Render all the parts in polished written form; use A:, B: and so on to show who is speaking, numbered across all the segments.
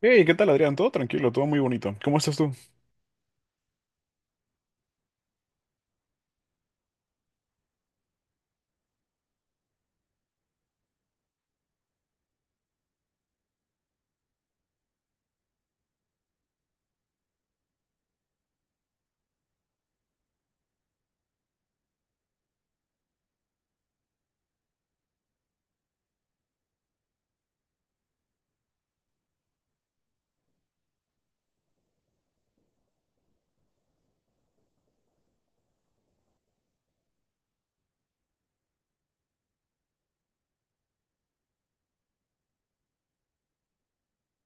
A: Hey, ¿qué tal, Adrián? Todo tranquilo, todo muy bonito. ¿Cómo estás tú?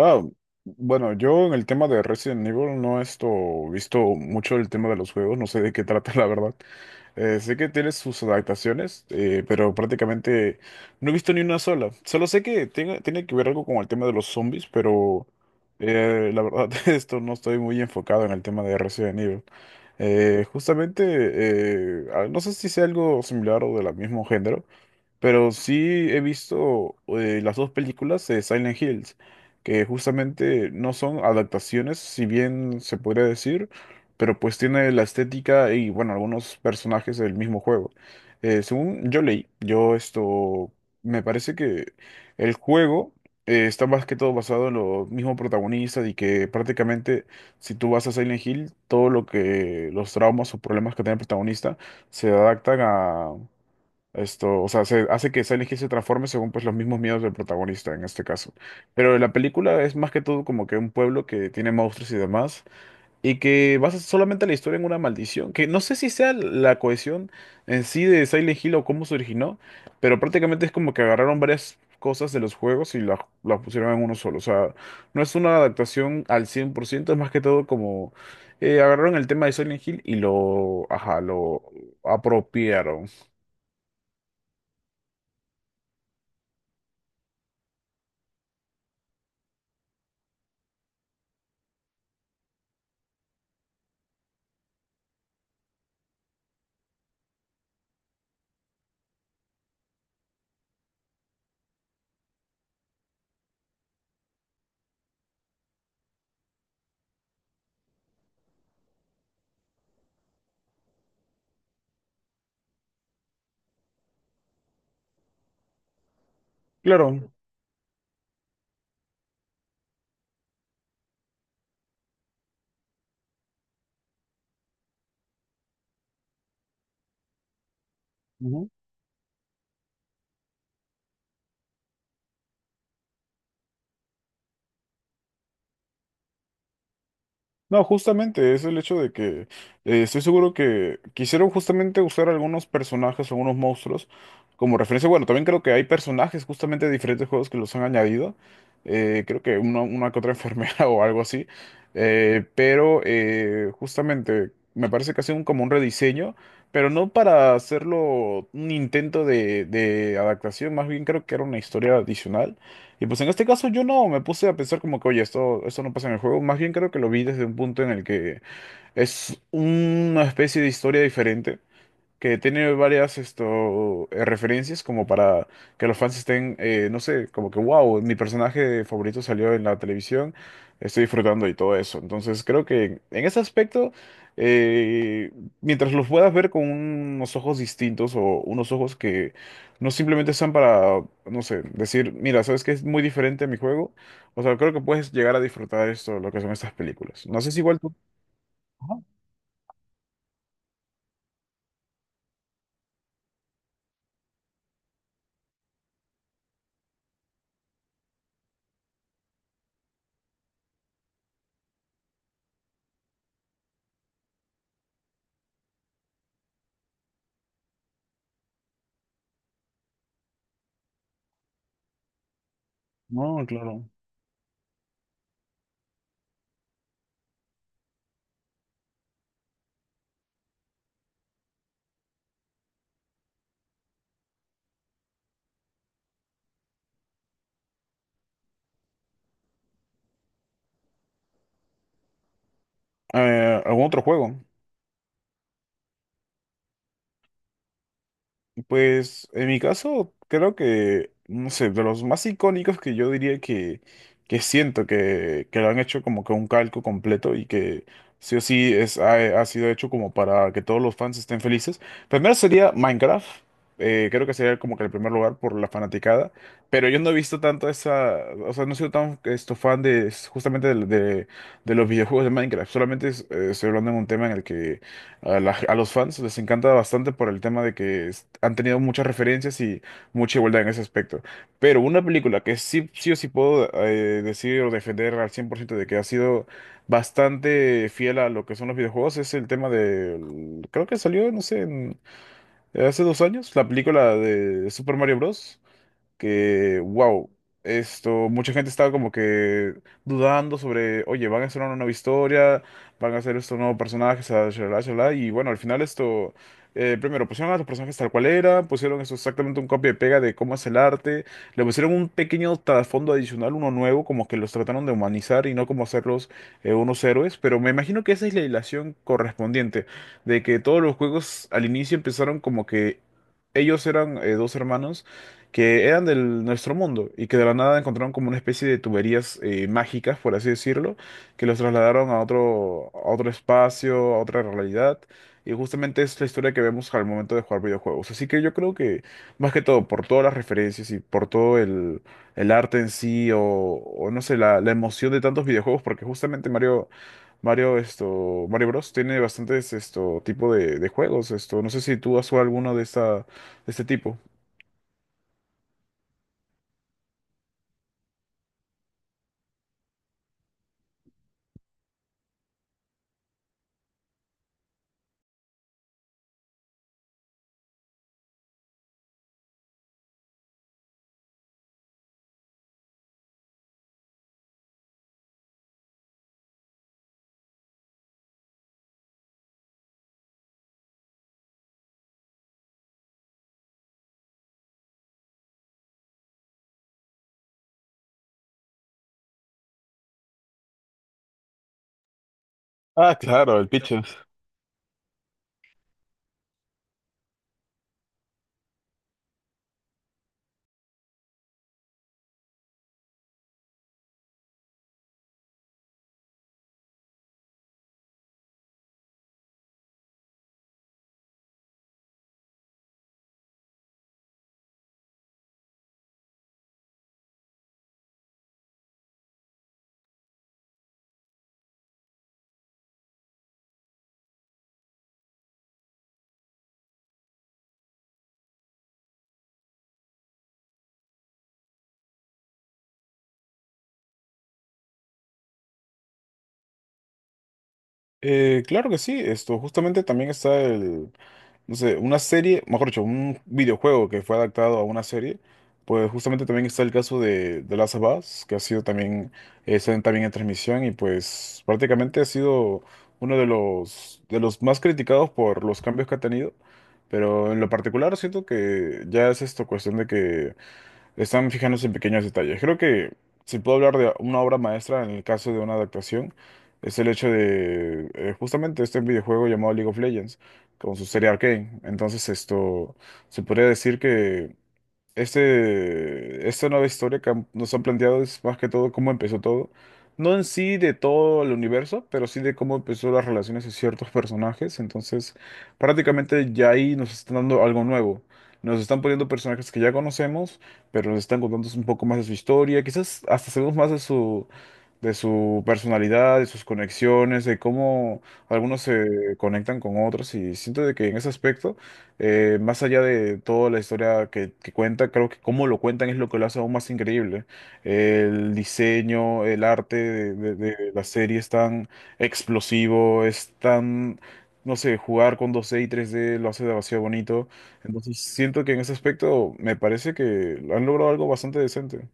A: Ah, bueno, yo en el tema de Resident Evil no he visto mucho el tema de los juegos, no sé de qué trata la verdad. Sé que tiene sus adaptaciones, pero prácticamente no he visto ni una sola. Solo sé que tiene que ver algo con el tema de los zombies, pero la verdad, esto no estoy muy enfocado en el tema de Resident Evil. No sé si sea algo similar o de la mismo género. Pero sí he visto las dos películas de Silent Hills, que justamente no son adaptaciones, si bien se podría decir, pero pues tiene la estética y bueno, algunos personajes del mismo juego. Según yo leí, me parece que el juego está más que todo basado en los mismos protagonistas y que prácticamente si tú vas a Silent Hill, todo lo que los traumas o problemas que tiene el protagonista se adaptan a o sea, se hace que Silent Hill se transforme según pues los mismos miedos del protagonista en este caso. Pero la película es más que todo como que un pueblo que tiene monstruos y demás, y que basa solamente la historia en una maldición, que no sé si sea la cohesión en sí de Silent Hill o cómo se originó, pero prácticamente es como que agarraron varias cosas de los juegos y las pusieron en uno solo. O sea, no es una adaptación al 100%. Es más que todo como agarraron el tema de Silent Hill y lo, ajá, lo apropiaron. Claro. No, justamente es el hecho de que estoy seguro que quisieron justamente usar algunos personajes, algunos monstruos como referencia. Bueno, también creo que hay personajes justamente de diferentes juegos que los han añadido. Creo que una que otra enfermera o algo así. Justamente me parece que ha sido como un rediseño, pero no para hacerlo un intento de adaptación, más bien creo que era una historia adicional. Y pues en este caso yo no me puse a pensar como que, oye, esto no pasa en el juego. Más bien creo que lo vi desde un punto en el que es una especie de historia diferente que tiene varias referencias como para que los fans estén, no sé, como que, wow, mi personaje favorito salió en la televisión, estoy disfrutando y todo eso. Entonces creo que en ese aspecto, eh, mientras los puedas ver con unos ojos distintos o unos ojos que no simplemente están para, no sé, decir, mira, ¿sabes qué es muy diferente a mi juego? O sea, creo que puedes llegar a disfrutar lo que son estas películas. No sé si igual tú... Ajá. No, claro. ¿Algún otro juego? Pues en mi caso, creo que, no sé, de los más icónicos que yo que siento que lo han hecho como que un calco completo y que sí o sí ha sido hecho como para que todos los fans estén felices. Primero sería Minecraft, creo que sería como que el primer lugar por la fanaticada, pero yo no he visto tanto esa, o sea, no he sido tan fan de justamente de los videojuegos de Minecraft, estoy hablando de un tema en el que a los fans les encanta bastante por el tema de que han tenido muchas referencias y mucha igualdad en ese aspecto. Pero una película que sí o sí puedo decir o defender al 100% de que ha sido bastante fiel a lo que son los videojuegos es el tema de... Creo que salió, no sé, hace dos años, la película de Super Mario Bros que, wow, mucha gente estaba como que dudando sobre, oye, van a hacer una nueva historia, van a hacer estos nuevos personajes, shalala, shalala, shalala, y bueno, al final primero pusieron a los personajes tal cual era, pusieron eso exactamente un copia y pega de cómo es el arte, le pusieron un pequeño trasfondo adicional, uno nuevo, como que los trataron de humanizar y no como hacerlos unos héroes, pero me imagino que esa es la hilación correspondiente, de que todos los juegos al inicio empezaron como que... Ellos eran dos hermanos que eran de nuestro mundo y que de la nada encontraron como una especie de tuberías mágicas, por así decirlo, que los trasladaron a otro espacio, a otra realidad. Y justamente es la historia que vemos al momento de jugar videojuegos. Así que yo creo que, más que todo, por todas las referencias y por todo el arte en sí, o no sé, la emoción de tantos videojuegos, porque justamente Mario Bros. Tiene bastantes esto tipo de juegos. No sé si tú has jugado alguno de este tipo. Ah, claro, el Pitches. Claro que sí, esto justamente también está no sé, una serie, mejor dicho, un videojuego que fue adaptado a una serie, pues justamente también está el caso de The Last of Us, que ha sido también, está también en transmisión y pues prácticamente ha sido uno de los más criticados por los cambios que ha tenido, pero en lo particular siento que ya es esto cuestión de que están fijándose en pequeños detalles. Creo que si puedo hablar de una obra maestra en el caso de una adaptación, es el hecho de justamente este videojuego llamado League of Legends, con su serie Arcane. Entonces, esto se podría decir que esta nueva historia que nos han planteado es más que todo cómo empezó todo. No en sí de todo el universo, pero sí de cómo empezó las relaciones de ciertos personajes. Entonces, prácticamente ya ahí nos están dando algo nuevo. Nos están poniendo personajes que ya conocemos, pero nos están contando un poco más de su historia. Quizás hasta sabemos más de su personalidad, de sus conexiones, de cómo algunos se conectan con otros. Y siento de que en ese aspecto. Más allá de toda la historia que cuenta, creo que cómo lo cuentan es lo que lo hace aún más increíble. El diseño, el arte de la serie es tan explosivo, es tan, no sé, jugar con 2D y 3D lo hace demasiado bonito. Entonces siento que en ese aspecto me parece que han logrado algo bastante decente.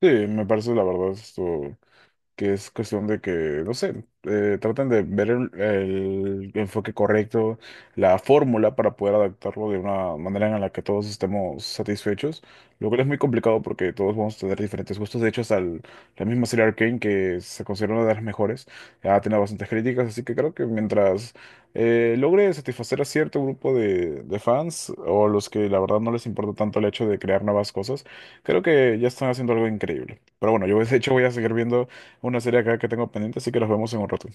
A: Sí, me parece la verdad esto. Que es cuestión de que, no sé, traten de ver el enfoque correcto, la fórmula para poder adaptarlo de una manera en la que todos estemos satisfechos, lo cual es muy complicado porque todos vamos a tener diferentes gustos. De hecho, la misma serie Arcane, que se considera una de las mejores, ha tenido bastantes críticas, así que creo que mientras logre satisfacer a cierto grupo de fans o a los que la verdad no les importa tanto el hecho de crear nuevas cosas, creo que ya están haciendo algo increíble. Pero bueno, yo de hecho voy a seguir viendo una serie acá que tengo pendiente, así que nos vemos en un rato.